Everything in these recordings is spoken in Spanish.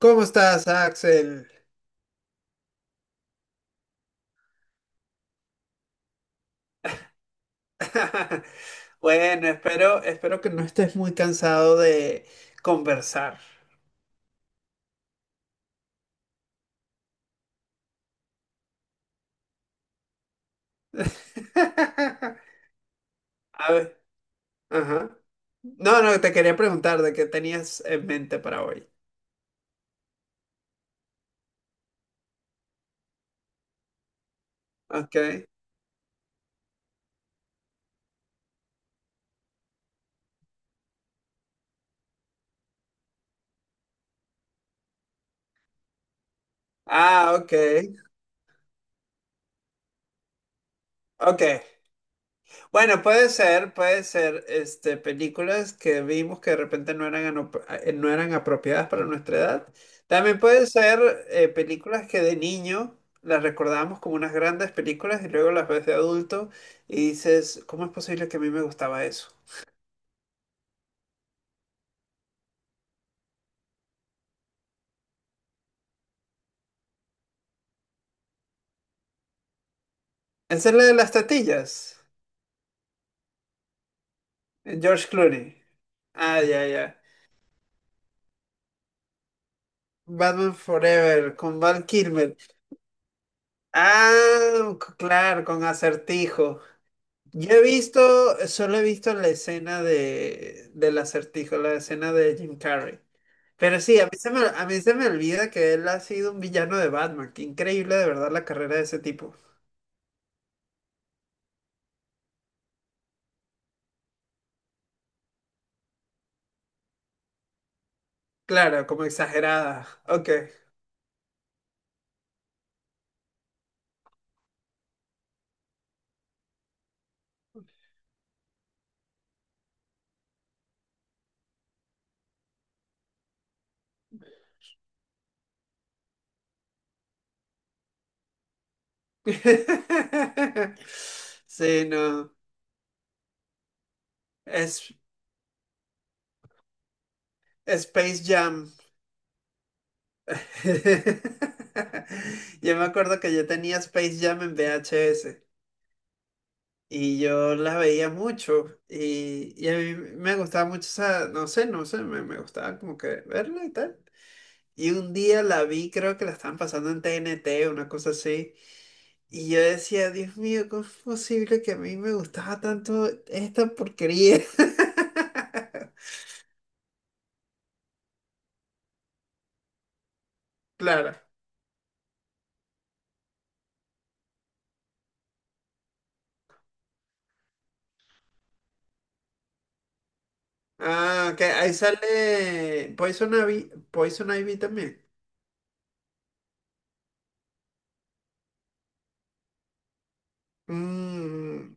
¿Cómo estás, Axel? Bueno, espero que no estés muy cansado de conversar. A ver, ajá. No, te quería preguntar de qué tenías en mente para hoy. Ok. Ah, ok. Ok. Bueno, puede ser, películas que vimos que de repente no eran, no eran apropiadas para nuestra edad. También puede ser películas que de niño las recordábamos como unas grandes películas y luego las ves de adulto y dices, ¿cómo es posible que a mí me gustaba eso? Esa es la de las tatillas, George Clooney. Ah, ya. Batman Forever, con Val Kilmer. Ah, claro, con Acertijo. Yo he visto, solo he visto la escena de, del acertijo, la escena de Jim Carrey. Pero sí, a mí se me olvida que él ha sido un villano de Batman. Qué increíble de verdad la carrera de ese tipo. Claro, como exagerada. Ok. Sí, no. Es Space Jam. Yo me acuerdo que yo tenía Space Jam en VHS. Y yo las veía mucho y a mí me gustaba mucho esa, no sé, me gustaba como que verla y tal. Y un día la vi, creo que la estaban pasando en TNT, una cosa así. Y yo decía, Dios mío, ¿cómo es posible que a mí me gustaba tanto esta porquería? Claro. Ah, que ahí sale Poison Ivy, Poison Ivy también. Mm,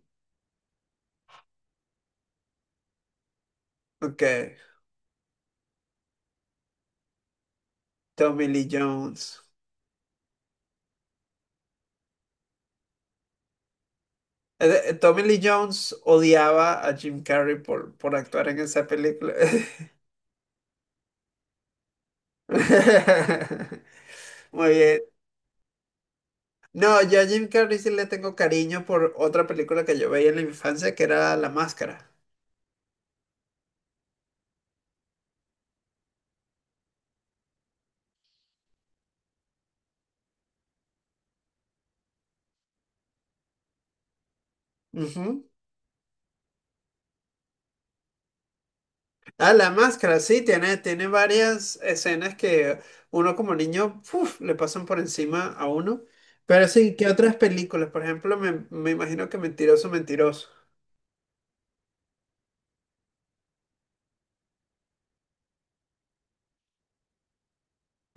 ok, Tommy Lee Jones. Tommy Lee Jones odiaba a Jim Carrey por actuar en esa película. Muy bien. No, yo a Jim Carrey sí le tengo cariño por otra película que yo veía en la infancia que era La Máscara. Ujú. Ah, La Máscara, sí, tiene varias escenas que uno como niño uf, le pasan por encima a uno. Pero sí, ¿qué otras películas? Por ejemplo, me imagino que Mentiroso, Mentiroso.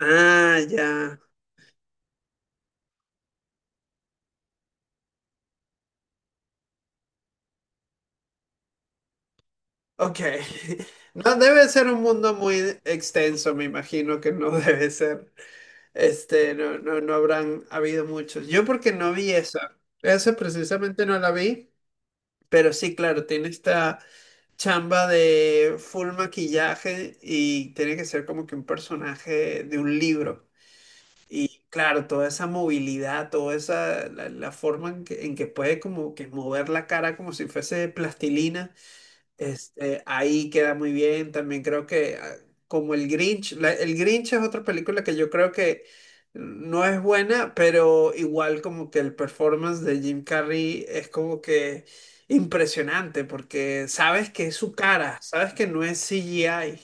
Ah, ya. Ok. No debe ser un mundo muy extenso, me imagino que no debe ser. No, no, no habrán habido muchos. Yo porque no vi esa. Esa precisamente no la vi, pero sí, claro, tiene esta chamba de full maquillaje y tiene que ser como que un personaje de un libro. Claro, toda esa movilidad, la forma en que puede como que mover la cara como si fuese plastilina. Ahí queda muy bien. También creo que como el Grinch, el Grinch es otra película que yo creo que no es buena, pero igual como que el performance de Jim Carrey es como que impresionante porque sabes que es su cara, sabes que no es CGI.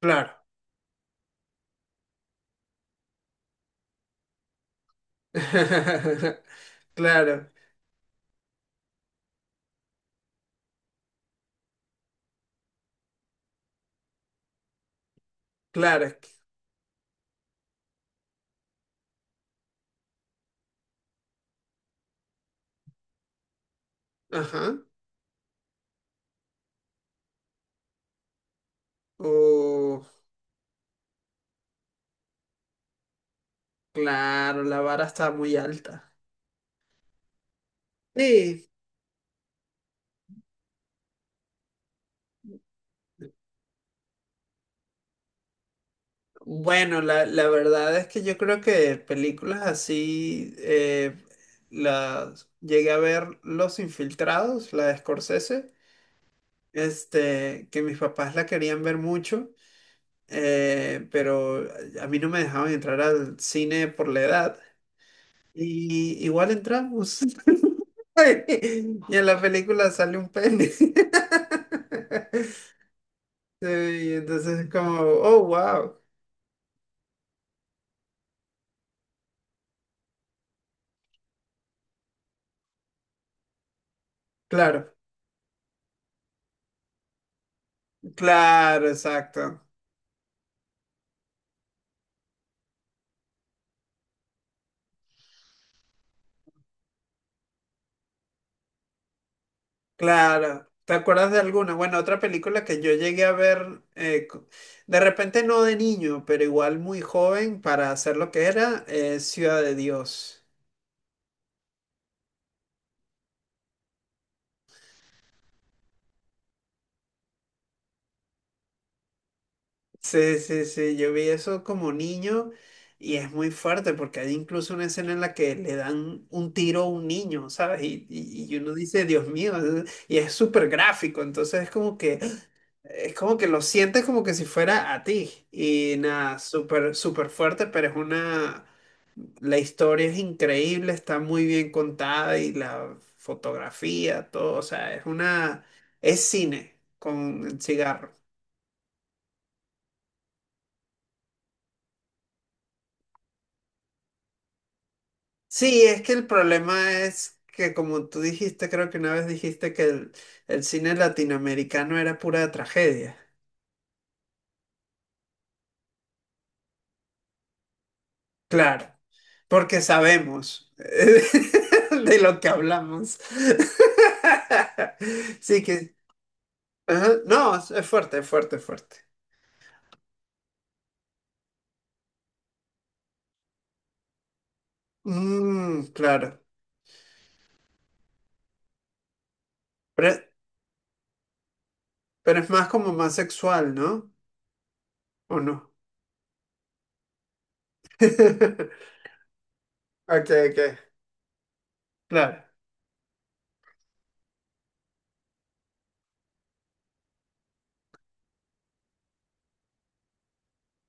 Claro. Claro, claro. Es que... Ajá. Oh, claro, la vara está muy alta. Sí. Bueno, la verdad es que yo creo que películas así las llegué a ver Los Infiltrados, la de Scorsese, este, que mis papás la querían ver mucho, pero a mí no me dejaban entrar al cine por la edad. Y igual entramos. Y en la película sale un pene. Sí, y entonces es como, oh, wow. Claro, claro, exacto. Claro, ¿te acuerdas de alguna? Bueno, otra película que yo llegué a ver, de repente no de niño, pero igual muy joven para hacer lo que era, Ciudad de Dios. Sí, sí, sí, yo vi eso como niño y es muy fuerte porque hay incluso una escena en la que le dan un tiro a un niño, ¿sabes? Y uno dice, Dios mío, y es súper gráfico, entonces es como que lo sientes como que si fuera a ti y nada, súper, súper fuerte, pero es una... La historia es increíble, está muy bien contada y la fotografía, todo, o sea, es cine con el cigarro. Sí, es que el problema es que como tú dijiste, creo que una vez dijiste que el cine latinoamericano era pura tragedia. Claro, porque sabemos de lo que hablamos. Sí que, ajá. No, es fuerte, es fuerte, es fuerte. Mm, claro. Pero Pero es más como más sexual, ¿no? ¿O no? Ok, ok. Claro,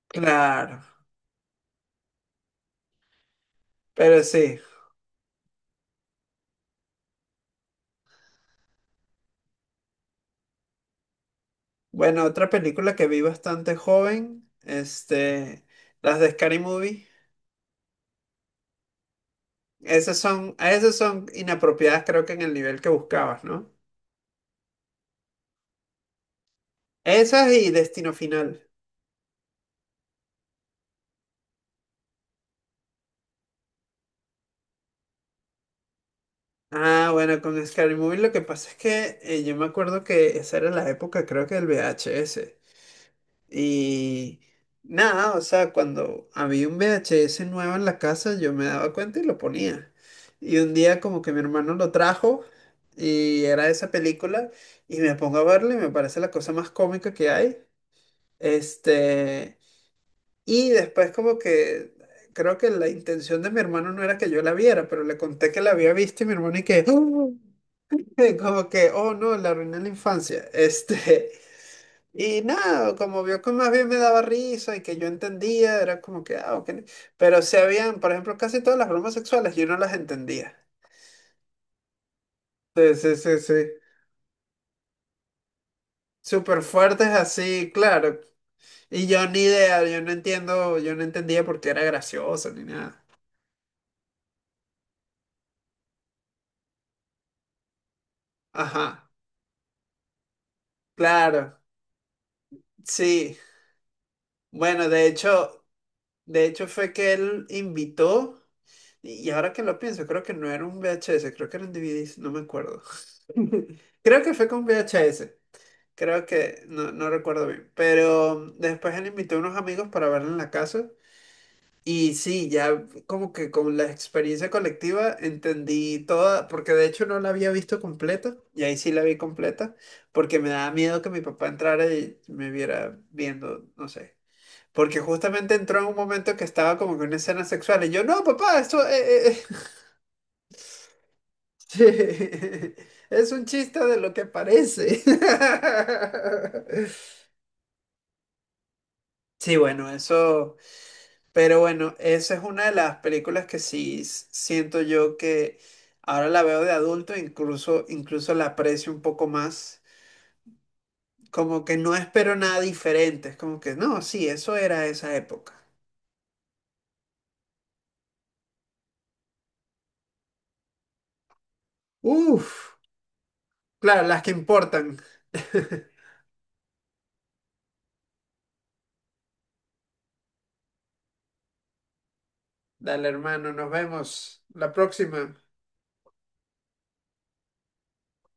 claro. Pero sí. Bueno, otra película que vi bastante joven, este, las de Scary Movie. Esas son inapropiadas, creo que en el nivel que buscabas, ¿no? Esas y Destino Final. Ah, bueno, con Scary Movie lo que pasa es que yo me acuerdo que esa era la época, creo que del VHS. Y nada, o sea, cuando había un VHS nuevo en la casa, yo me daba cuenta y lo ponía. Y un día como que mi hermano lo trajo y era esa película y me pongo a verla y me parece la cosa más cómica que hay. Este, y después como que creo que la intención de mi hermano no era que yo la viera, pero le conté que la había visto y mi hermano y que, "Oh", como que, oh no, la arruiné la infancia. Y nada, como vio que más bien me daba risa y que yo entendía, era como que, ah, ok. ¿No? Pero se habían, por ejemplo, casi todas las bromas sexuales yo no las entendía. Sí, sí, sí, sí. Súper fuertes así, claro. Y yo ni idea, yo no entendía por qué era gracioso ni nada. Ajá, claro, sí. Bueno, de hecho fue que él invitó, y ahora que lo pienso, creo que no era un VHS, creo que era un DVD, no me acuerdo. Creo que fue con VHS. Creo que no, no recuerdo bien. Pero después él invitó a unos amigos para verlo en la casa. Y sí, ya como que con la experiencia colectiva entendí toda, porque de hecho no la había visto completa, y ahí sí la vi completa, porque me daba miedo que mi papá entrara y me viera viendo, no sé. Porque justamente entró en un momento que estaba como que una escena sexual, y yo, no, papá, esto eh, es un chiste de lo que parece. Sí, bueno, eso. Pero bueno, esa es una de las películas que sí siento yo que ahora la veo de adulto, incluso la aprecio un poco más. Como que no espero nada diferente. Es como que no, sí, eso era esa época. Uf, claro, las que importan. Dale, hermano, nos vemos la próxima.